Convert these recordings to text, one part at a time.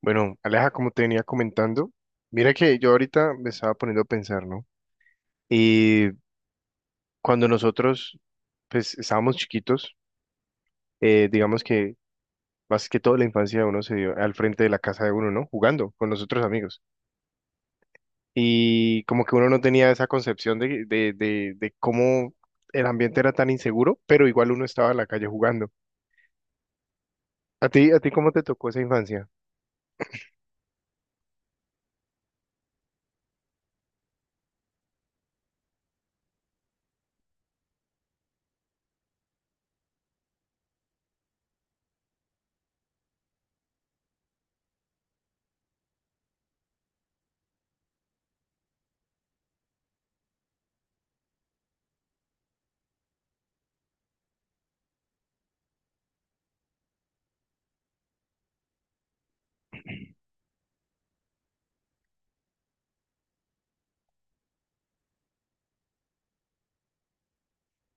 Bueno, Aleja, como te venía comentando, mira que yo ahorita me estaba poniendo a pensar, ¿no? Y cuando nosotros, pues, estábamos chiquitos, digamos que más que todo la infancia de uno se dio al frente de la casa de uno, ¿no? Jugando con los otros amigos. Y como que uno no tenía esa concepción de cómo el ambiente era tan inseguro, pero igual uno estaba en la calle jugando. A ti cómo te tocó esa infancia?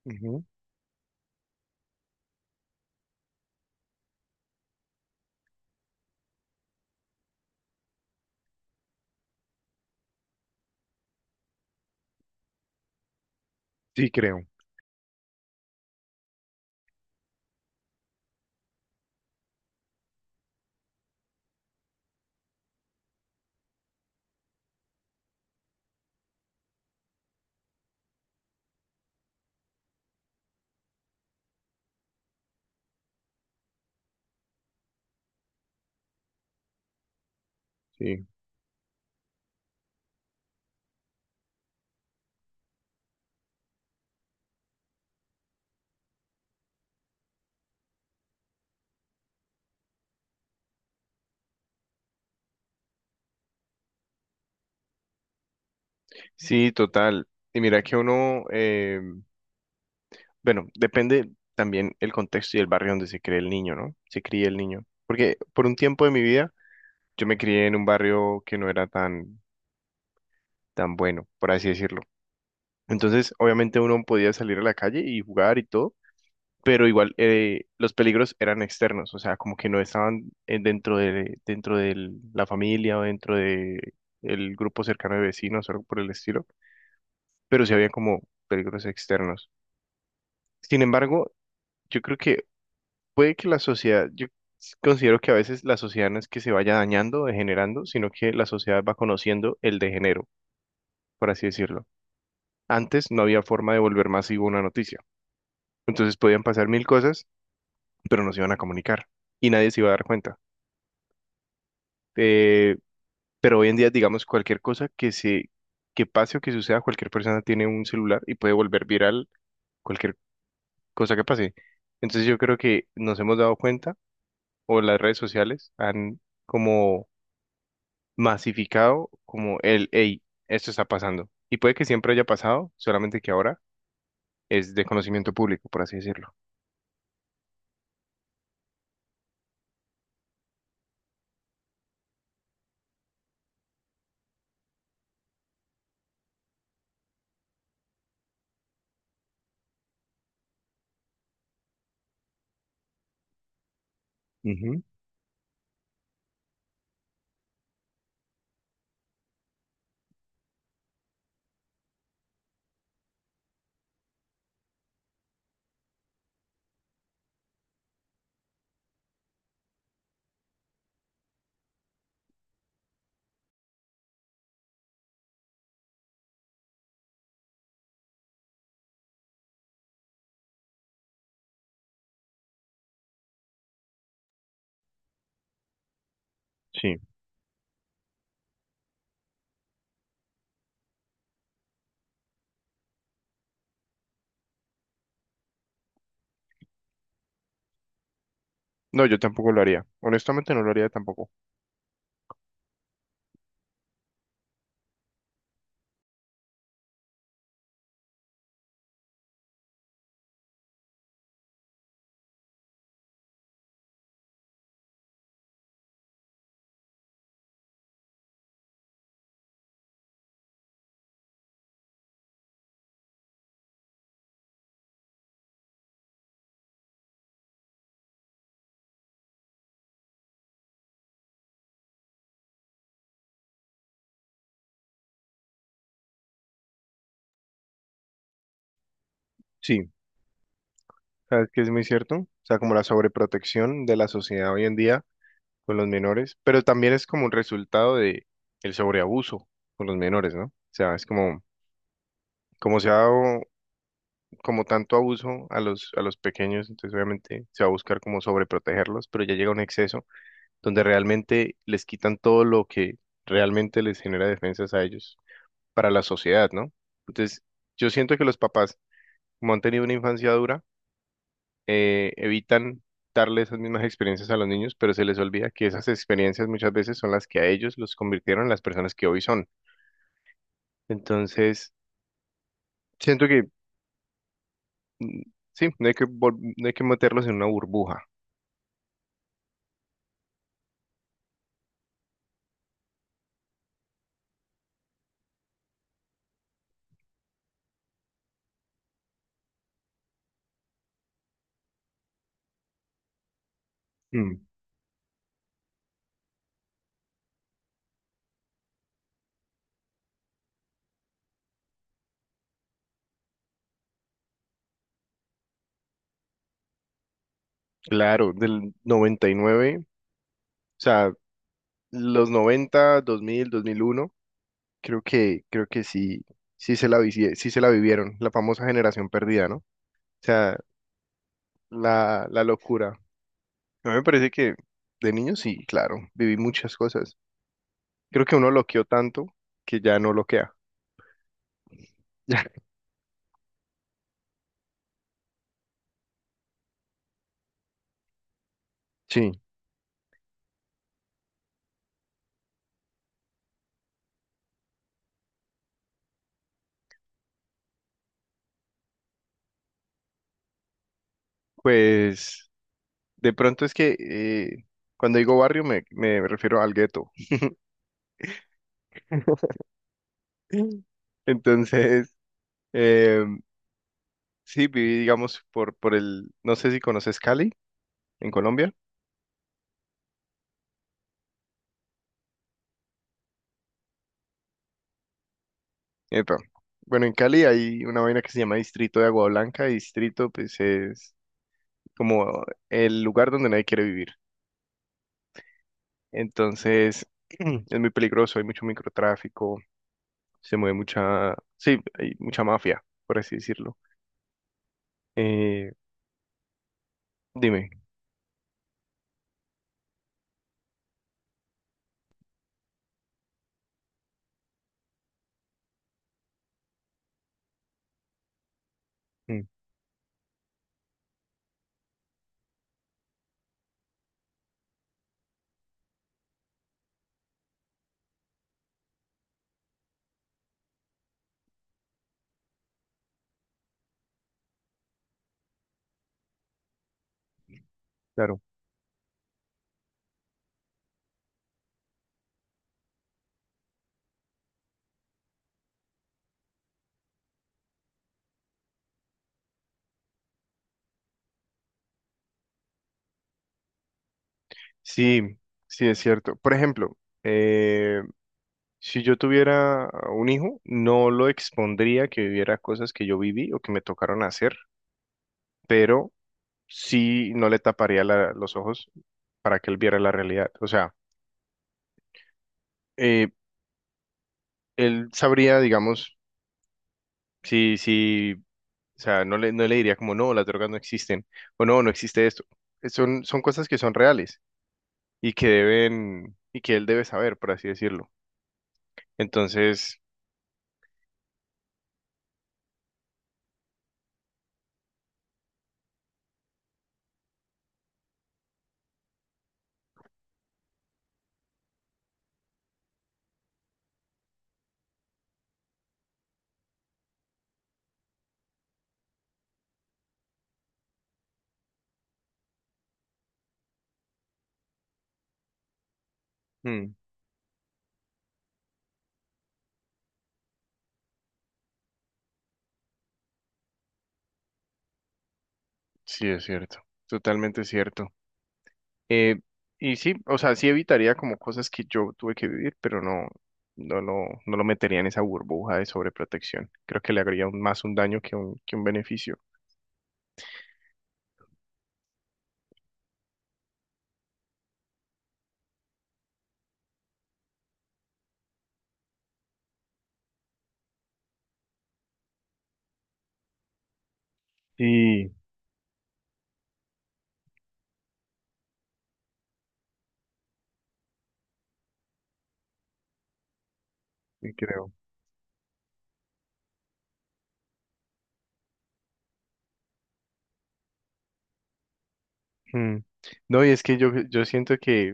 Ujú. Sí, creo. Sí. Sí, total. Y mira que uno, bueno, depende también el contexto y el barrio donde se cree el niño, ¿no? Se cría el niño. Porque por un tiempo de mi vida yo me crié en un barrio que no era tan, tan bueno, por así decirlo. Entonces, obviamente uno podía salir a la calle y jugar y todo, pero igual los peligros eran externos, o sea, como que no estaban dentro de la familia o dentro de el grupo cercano de vecinos o algo por el estilo, pero sí había como peligros externos. Sin embargo, yo creo que puede que la sociedad, yo considero que a veces la sociedad no es que se vaya dañando, degenerando, sino que la sociedad va conociendo el degenero, por así decirlo. Antes no había forma de volver masivo una noticia. Entonces podían pasar mil cosas, pero no se iban a comunicar y nadie se iba a dar cuenta. Eh, pero hoy en día, digamos, cualquier cosa que pase o que suceda, cualquier persona tiene un celular y puede volver viral cualquier cosa que pase. Entonces yo creo que nos hemos dado cuenta, o las redes sociales han como masificado como el, hey, esto está pasando. Y puede que siempre haya pasado, solamente que ahora es de conocimiento público, por así decirlo. Ujú. Sí. No, yo tampoco lo haría. Honestamente no lo haría tampoco. Sí. ¿Sabes que es muy cierto? O sea, como la sobreprotección de la sociedad hoy en día con los menores, pero también es como un resultado de el sobreabuso con los menores, ¿no? O sea, es como, como se ha dado como tanto abuso a los pequeños, entonces obviamente se va a buscar como sobreprotegerlos, pero ya llega un exceso donde realmente les quitan todo lo que realmente les genera defensas a ellos para la sociedad, ¿no? Entonces, yo siento que los papás, como han tenido una infancia dura, evitan darle esas mismas experiencias a los niños, pero se les olvida que esas experiencias muchas veces son las que a ellos los convirtieron en las personas que hoy son. Entonces, siento que mm, sí, no hay que, no hay que meterlos en una burbuja. Mm. Claro, del 99, o sea, los 90, 2000, 2001. Creo que sí, sí se la, sí se la vivieron, la famosa generación perdida, ¿no? O sea, la locura. A mí me parece que de niño sí, claro, viví muchas cosas. Creo que uno loqueó tanto que ya no loquea. Ya. Sí, pues de pronto es que cuando digo barrio me, me refiero al gueto. Entonces, em, sí, viví, digamos, por el, no sé si conoces Cali, en Colombia. Epa. Bueno, en Cali hay una vaina que se llama Distrito de Agua Blanca. Y Distrito, pues, es como el lugar donde nadie quiere vivir. Entonces, es muy peligroso, hay mucho microtráfico, se mueve mucha, sí, hay mucha mafia, por así decirlo. Eh, dime. Mm, claro. Sí, sí, es cierto. Por ejemplo, eh, si yo tuviera a un hijo, no lo expondría que viviera cosas que yo viví o que me tocaron hacer, pero sí no le taparía los ojos para que él viera la realidad. O sea, eh, él sabría, digamos, si, si, o sea, no le, no le diría como, no, las drogas no existen, o no, no existe esto. Son, son cosas que son reales y que deben, y que él debe saber, por así decirlo. Entonces, mm, sí es cierto, totalmente cierto. Eh, y sí, o sea, sí evitaría como cosas que yo tuve que vivir, pero no, no lo, no lo metería en esa burbuja de sobreprotección. Creo que le haría más un daño que un beneficio. Sí, sí creo. Mm. No, y es que yo siento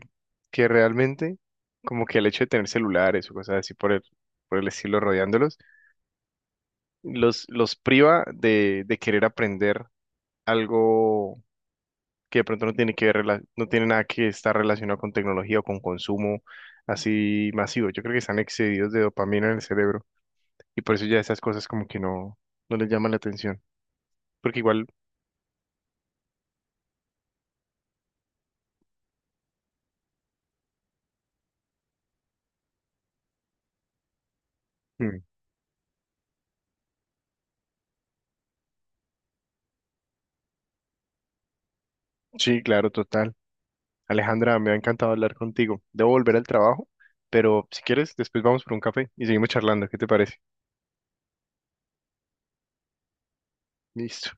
que realmente, como que el hecho de tener celulares o cosas así por el estilo rodeándolos, los priva de querer aprender algo que de pronto no tiene que ver, no tiene nada que estar relacionado con tecnología o con consumo así masivo. Yo creo que están excedidos de dopamina en el cerebro y por eso ya esas cosas como que no, no les llaman la atención. Porque igual, mm, sí, claro, total. Alejandra, me ha encantado hablar contigo. Debo volver al trabajo, pero si quieres, después vamos por un café y seguimos charlando. ¿Qué te parece? Listo.